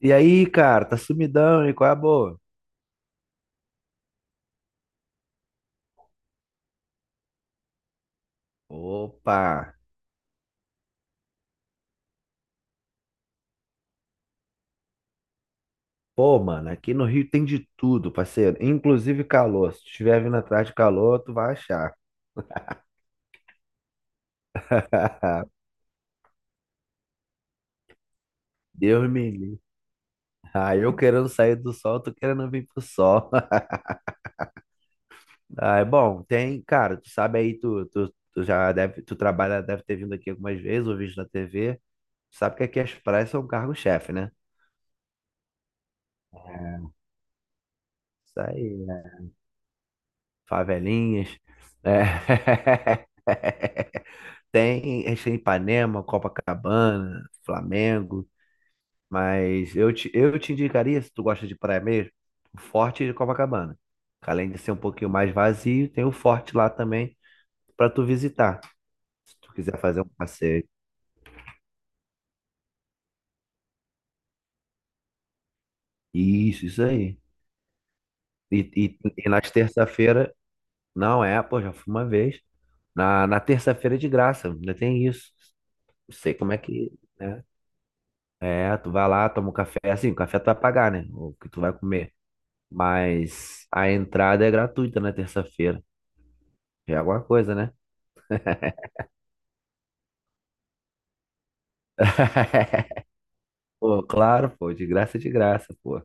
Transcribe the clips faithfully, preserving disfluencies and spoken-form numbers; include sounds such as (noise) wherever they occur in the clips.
E aí, cara, tá sumidão, e qual é a boa? Opa! Pô, mano, aqui no Rio tem de tudo, parceiro. Inclusive calor. Se estiver vindo atrás de calor, tu vai achar. (laughs) Deus me livre. Ah, eu querendo sair do sol, tu querendo vir pro sol. (laughs) Ah, é bom, tem, cara, tu sabe aí, tu, tu, tu já deve, tu trabalha, deve ter vindo aqui algumas vezes, ou visto na T V. Tu sabe que aqui as praias são cargo-chefe, né? Isso aí. Favelinhas. É. (laughs) Tem, a gente tem Ipanema, Copacabana, Flamengo, mas eu te, eu te indicaria, se tu gosta de praia mesmo, o Forte de Copacabana. Que Além de ser um pouquinho mais vazio, tem o Forte lá também para tu visitar, se tu quiser fazer um passeio. Isso, isso aí. E, e, e nas terça-feira, não é, pô, já fui uma vez. Na, na terça-feira é de graça, ainda tem isso. Não sei como é que, né? É, tu vai lá, toma um café. Assim, o café tu vai pagar, né? O que tu vai comer. Mas a entrada é gratuita na terça-feira. Já é alguma coisa, né? (laughs) Pô, claro, pô, de graça, é de graça, pô.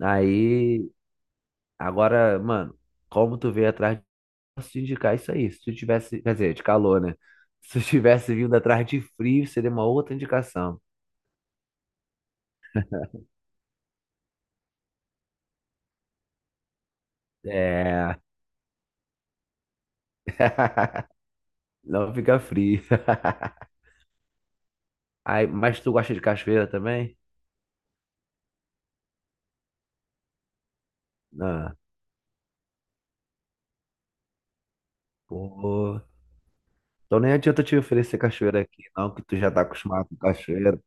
Aí, agora, mano, como tu veio atrás, de- posso te indicar isso aí. Se tu tivesse, quer dizer, de calor, né? (laughs) Se tu tivesse vindo atrás de frio, seria uma outra indicação. É. (laughs) Não fica frio. (laughs) Aí, mas tu gosta de cachoeira também? Não. Pô. Então nem adianta te oferecer cachoeira aqui, não, que tu já tá acostumado com cachoeira.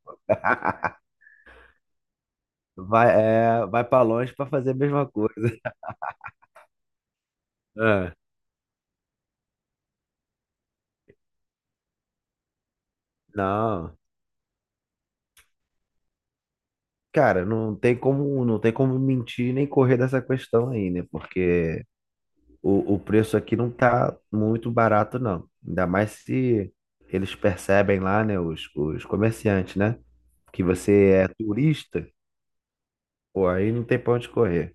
Vai, é, vai para longe para fazer a mesma coisa. (laughs) É, não. Cara, não tem como, não tem como mentir nem correr dessa questão aí, né? Porque o, o preço aqui não tá muito barato, não. Ainda mais se eles percebem lá, né, os, os comerciantes, né? Que você é turista, pô, aí não tem pra onde correr.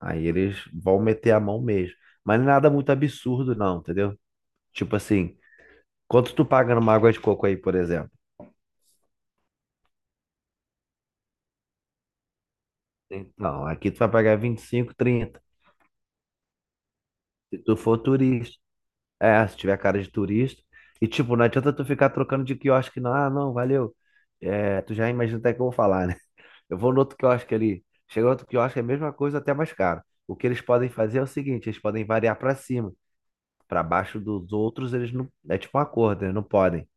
Aí eles vão meter a mão mesmo. Mas nada muito absurdo, não, entendeu? Tipo assim. Quanto tu paga numa água de coco aí, por exemplo? Então, aqui tu vai pagar vinte e cinco, trinta se tu for turista. É, se tiver cara de turista. E tipo, não adianta tu ficar trocando de quiosque, não. Ah, não, valeu. É, tu já imagina até que eu vou falar, né? Eu vou no outro quiosque ali. Chega outro quiosque, é a mesma coisa, até mais caro. O que eles podem fazer é o seguinte, eles podem variar pra cima. Pra baixo dos outros, eles não. É tipo um acordo, eles não podem.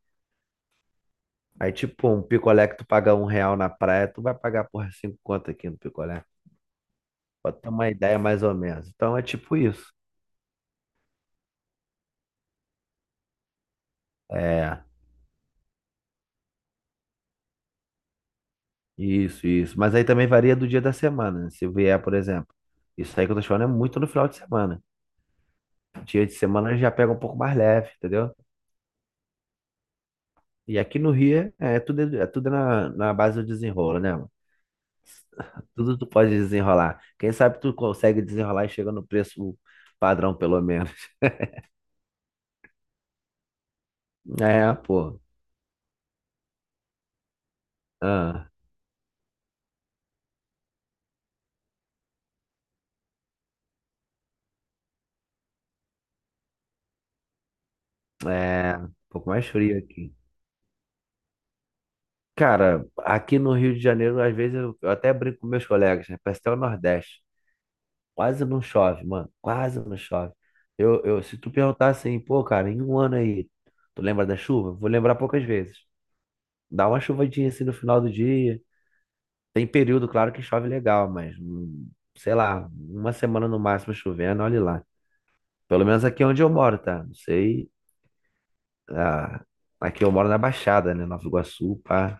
Aí tipo, um picolé que tu paga um real na praia, tu vai pagar, porra, cinco conto aqui no picolé. Pra ter uma ideia mais ou menos. Então é tipo isso. É, isso, isso. Mas aí também varia do dia da semana, né? Se vier, por exemplo. Isso aí que eu tô te falando é muito no final de semana. Dia de semana já pega um pouco mais leve, entendeu? E aqui no Rio é, é tudo, é tudo na, na base do desenrolo, né, mano? (laughs) Tudo tu pode desenrolar. Quem sabe tu consegue desenrolar e chega no preço padrão, pelo menos. (laughs) É, pô. Ah, é um pouco mais frio aqui. Cara, aqui no Rio de Janeiro, às vezes eu, eu até brinco com meus colegas, né? Parece até o Nordeste. Quase não chove, mano. Quase não chove. Eu, eu, se tu perguntar assim, pô, cara, em um ano aí, tu lembra da chuva? Vou lembrar poucas vezes. Dá uma chuvadinha assim no final do dia. Tem período, claro, que chove legal, mas hum, sei lá, uma semana no máximo chovendo, olha lá. Pelo menos aqui onde eu moro, tá? Não sei. Ah, aqui eu moro na Baixada, né? Nova Iguaçu, pá.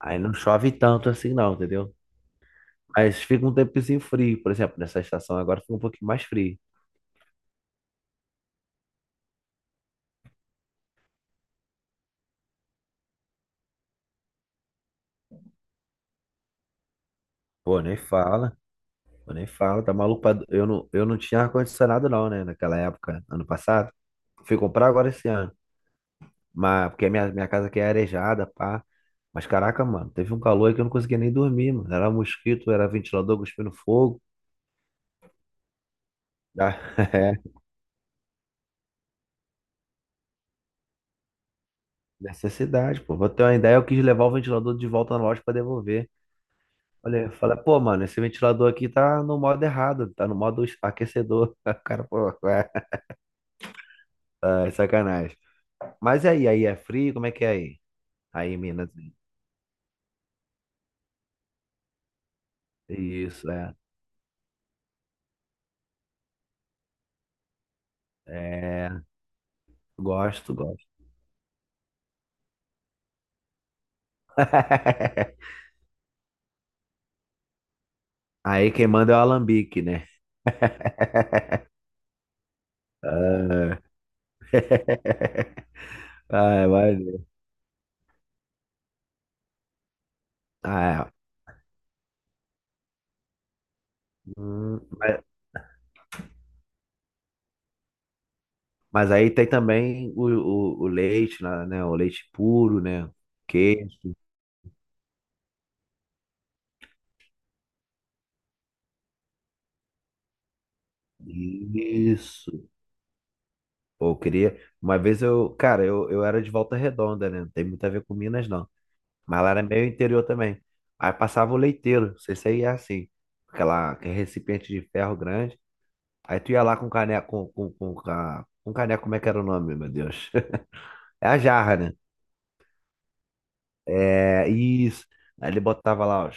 Aí não chove tanto assim, não, entendeu? Mas fica um tempozinho frio, por exemplo, nessa estação agora fica um pouquinho mais frio. Pô, nem fala, pô, nem fala, tá maluco? pra- Eu não, eu não tinha ar-condicionado não, né, naquela época, ano passado. Fui comprar agora esse ano, mas porque minha, minha casa aqui é arejada, pá. Mas caraca, mano, teve um calor aí que eu não conseguia nem dormir, mano. Era mosquito, era ventilador cuspindo fogo. Ah, (laughs) é, necessidade, pô. Pra ter uma ideia, eu quis levar o ventilador de volta na loja pra devolver. Olha, fala, pô, mano, esse ventilador aqui tá no modo errado, tá no modo aquecedor. (laughs) O cara, pô, ué, ah, é sacanagem. Mas e aí, aí é frio, como é que é aí? Aí, em Minas. Isso, é. É, gosto, gosto. (laughs) Aí quem manda é o alambique, né? (laughs) Ah, (laughs) ah, é maneiro. Ah, é. Hum, mas, mas aí tem também o, o, o leite, né? né, O leite puro, né? Queijo. Isso. Pô, eu queria. Uma vez eu. Cara, eu, eu era de Volta Redonda, né? Não tem muito a ver com Minas, não. Mas lá era meio interior também. Aí passava o leiteiro, não sei se aí é assim. Aquela, aquele recipiente de ferro grande. Aí tu ia lá com caneco. Com, com, com, ca- com caneco, como é que era o nome, meu Deus? (laughs) É a jarra, né? É, isso. Aí ele botava lá, ó.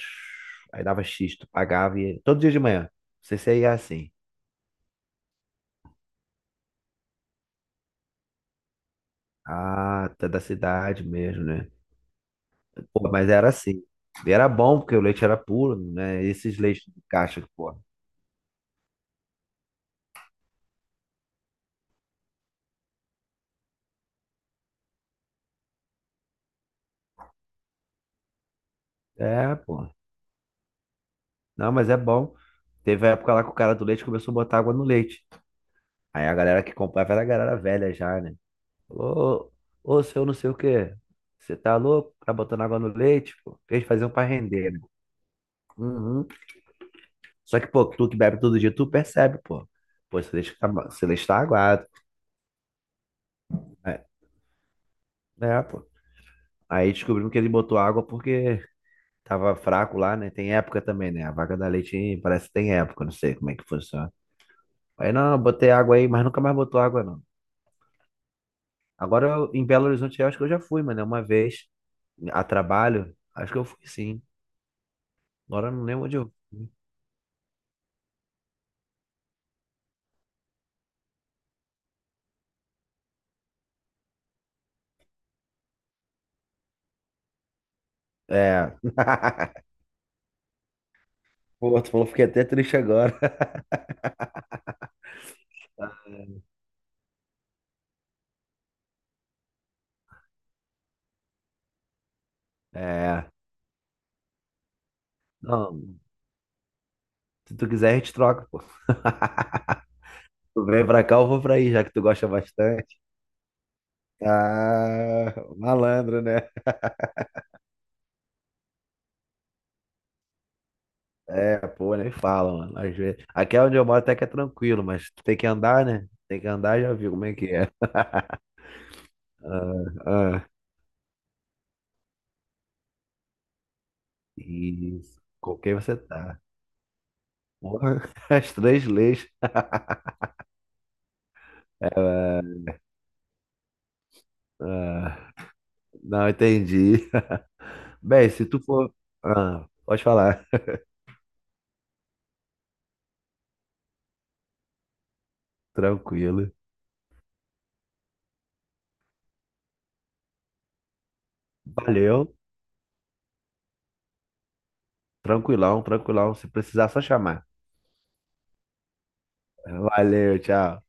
Aí dava X, tu pagava e. Todo dia de manhã. Não sei se aí é assim. Ah, tu é da cidade mesmo, né? Pô, mas era assim. E era bom, porque o leite era puro, né? Esses leites de caixa, pô. É, pô. Não, mas é bom. Teve a época lá que o cara do leite começou a botar água no leite. Aí a galera que comprava era a galera velha já, né? Ô, ô, seu não sei o quê. Você tá louco? Tá botando água no leite, pô. Eles faziam pra render, né? Uhum. Só que, pô, tu que bebe todo dia, tu percebe, pô. Pô, esse leite tá, ma- esse leite tá aguado. É, é, pô. Aí descobrimos que ele botou água porque tava fraco lá, né? Tem época também, né? A vaca da leite parece que tem época, não sei como é que funciona. Aí não, eu botei água aí, mas nunca mais botou água, não. Agora eu- em Belo Horizonte eu acho que eu já fui, mano, uma vez a trabalho, acho que eu fui sim. Agora eu não lembro onde eu fui. É. (laughs) Pô, tu falou, fiquei até triste agora. (laughs) É. Não, se tu quiser a gente troca, pô. (laughs) Tu vem pra cá, eu vou pra aí, já que tu gosta bastante. Ah, malandro, né? (laughs) É, pô, nem fala, mano. Às vezes. Aqui é onde eu moro até que é tranquilo, mas tu tem que andar, né? Tem que andar, já viu como é que é. (laughs) Ah, ah, isso. Com quem você tá? Porra! (laughs) As três leis. (laughs) Ah, ah. Não entendi. (laughs) Bem, se tu for. Ah, pode falar. Tranquilo. Valeu. Tranquilão, tranquilão. Se precisar, só chamar. Valeu, tchau.